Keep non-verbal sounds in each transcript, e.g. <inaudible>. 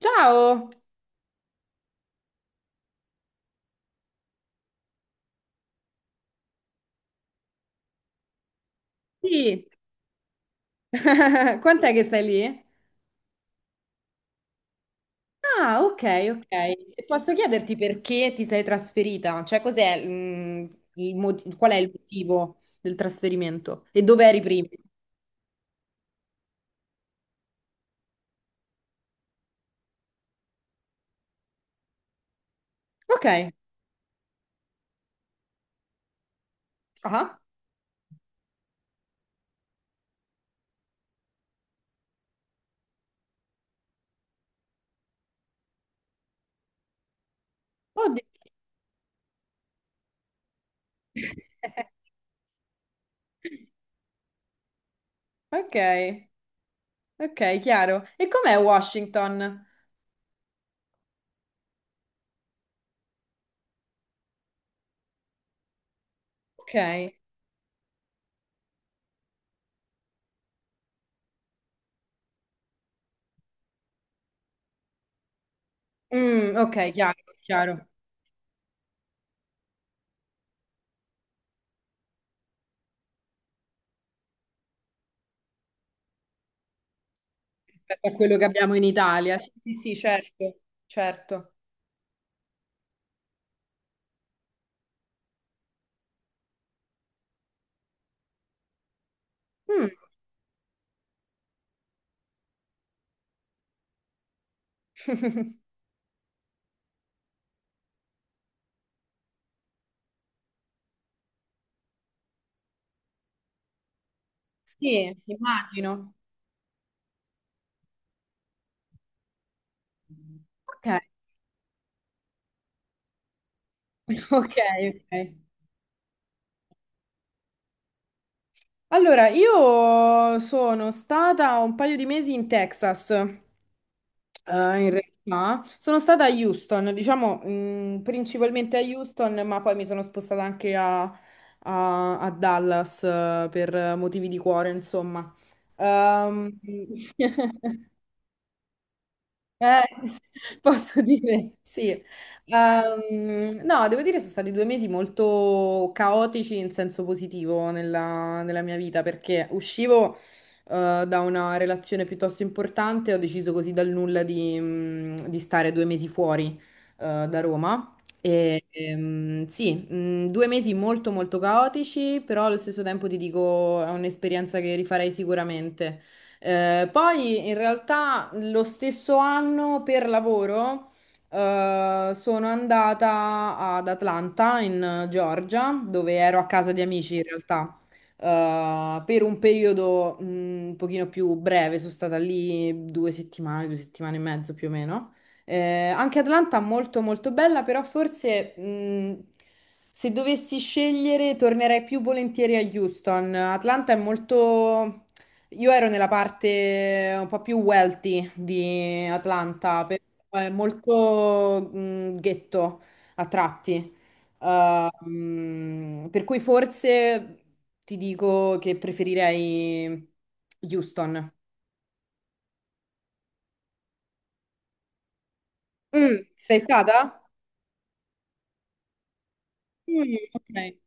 Ciao! Sì, <laughs> quant'è che stai lì? Ah, ok, ok. E posso chiederti perché ti sei trasferita? Cioè, cos'è, il qual è il motivo del trasferimento? E dove eri prima? Ok. Ah, oddio. <laughs> Ok, ok, chiaro. E com'è Washington? Ok. Mm, ok, chiaro, chiaro. Rispetto a quello che abbiamo in Italia. Sì, sì, certo, certo. Mm. <laughs> Sì, immagino. Ok, <laughs> ok, ok. Allora, io sono stata un paio di mesi in Texas, in realtà. Sono stata a Houston, diciamo, principalmente a Houston, ma poi mi sono spostata anche a, a Dallas, per motivi di cuore, insomma. Ehm, <laughs> Eh, <laughs> posso dire, sì. No, devo dire sono stati due mesi molto caotici in senso positivo nella, nella mia vita, perché uscivo, da una relazione piuttosto importante, ho deciso così dal nulla di, di stare due mesi fuori, da Roma. E, sì, due mesi molto molto caotici, però allo stesso tempo ti dico, è un'esperienza che rifarei sicuramente. Poi in realtà lo stesso anno per lavoro sono andata ad Atlanta in Georgia, dove ero a casa di amici in realtà. Per un periodo un pochino più breve, sono stata lì due settimane e mezzo più o meno. Eh, anche Atlanta molto molto bella, però forse se dovessi scegliere tornerei più volentieri a Houston. Atlanta è molto, io ero nella parte un po' più wealthy di Atlanta, però è molto, ghetto a tratti. Per cui forse ti dico che preferirei Houston. Mm, sei stata? Mm, ok.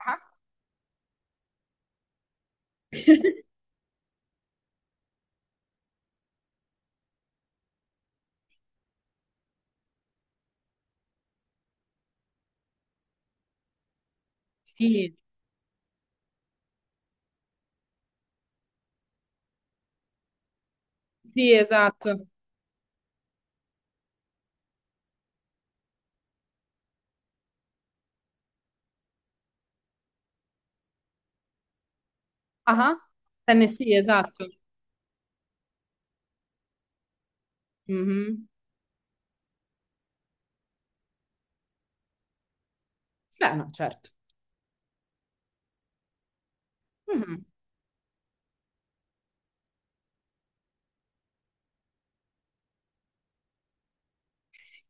Ah. <laughs> Sì, sì, esatto. Ah, Tennessee, esatto. Mhm. Beh, no, certo. Mhm.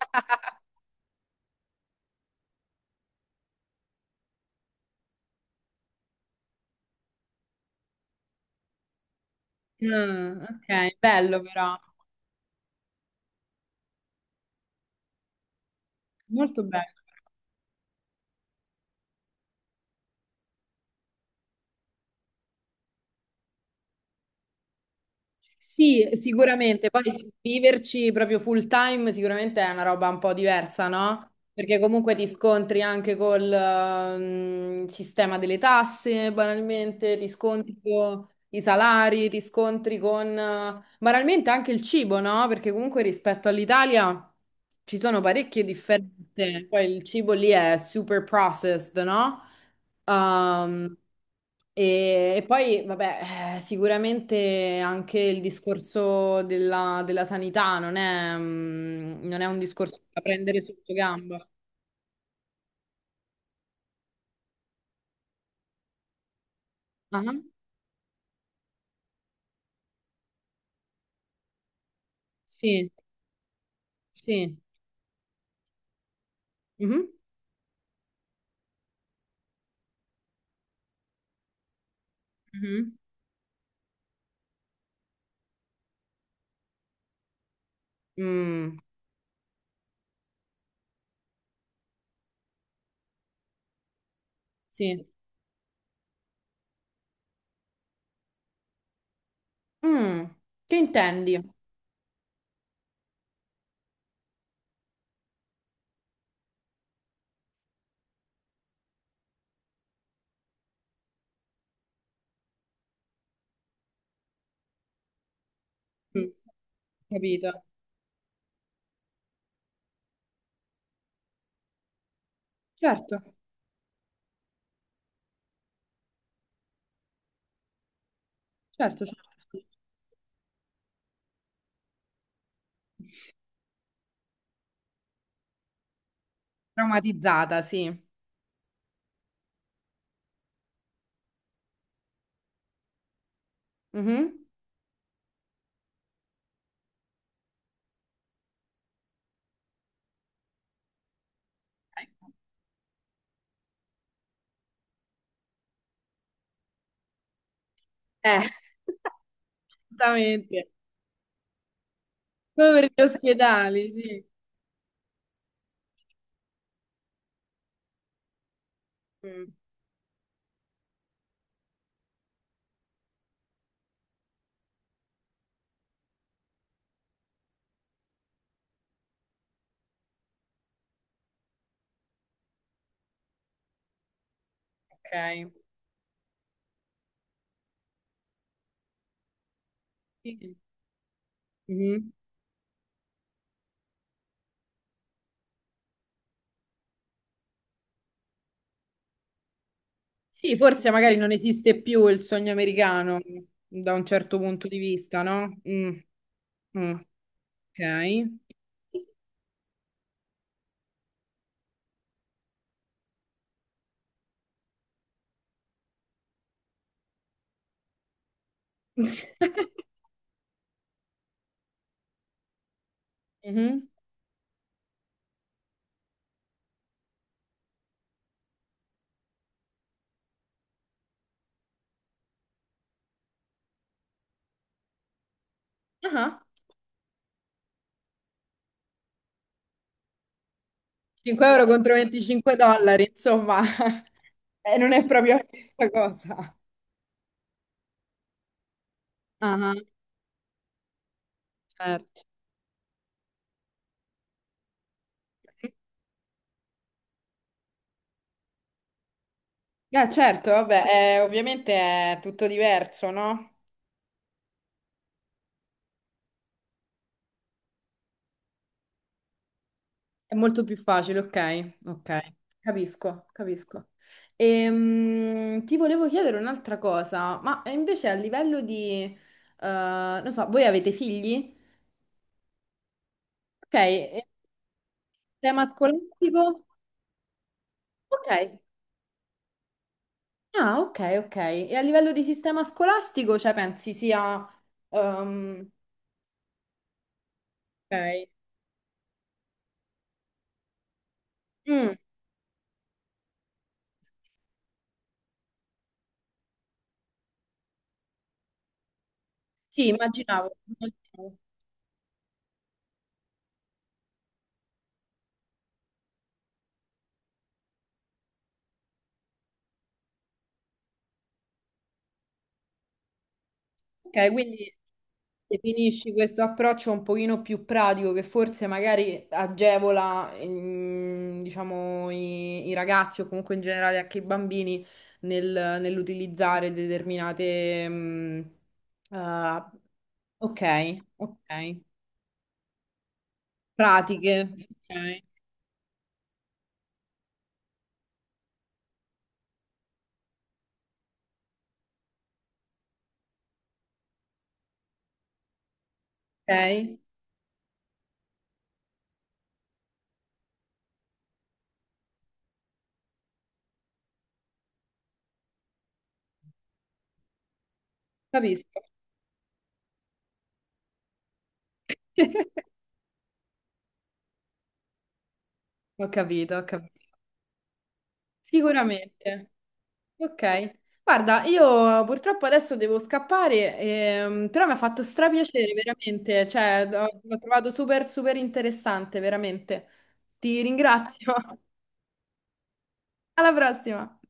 <laughs> Mm, ok, bello però. Molto bene. Sì, sicuramente, poi viverci proprio full time sicuramente è una roba un po' diversa, no? Perché comunque ti scontri anche col sistema delle tasse, banalmente, ti scontri con i salari, ti scontri con banalmente anche il cibo, no? Perché comunque rispetto all'Italia ci sono parecchie differenze, poi il cibo lì è super processed, no? Ehm, e, e poi, vabbè, sicuramente anche il discorso della, della sanità non è, non è un discorso da prendere sotto gamba. Ah, sì, sì. Mhm, mhm. Mm, sì. Mm, che intendi? Mm, capito. Certo, certo, certo. Traumatizzata, sì. Mhm. Eh, <laughs> esattamente. Solo per gli ospedali, sì. Mm. Ok. Sì. Mhm. Sì, forse magari non esiste più il sogno americano da un certo punto di vista, no? Mm. Mm. Ok. <laughs> Mhm. Ah, 5 <laughs> euro contro 25 dollari, insomma, <laughs> non è proprio la stessa cosa. Ah, certo. Ah. Certo, vabbè, ovviamente è tutto diverso, no? È molto più facile, ok, ok, capisco, capisco. Ti volevo chiedere un'altra cosa, ma invece a livello di, non so, voi avete figli? Ok, e sistema scolastico? Ok, ah, ok, ok. E a livello di sistema scolastico, cioè pensi sia... ehm, ok, mm, sì, immaginavo, immaginavo. Ok, quindi... Definisci questo approccio un pochino più pratico che forse magari agevola, diciamo, i ragazzi o comunque in generale anche i bambini nell'utilizzare determinate, ah, ok, ok, pratiche, ok, ok, capisco. <laughs> Ho capito, ho capito. Sicuramente. Ok, guarda, io purtroppo adesso devo scappare, però mi ha fatto strapiacere veramente, l'ho trovato super super interessante, veramente. Ti ringrazio. <laughs> Alla prossima.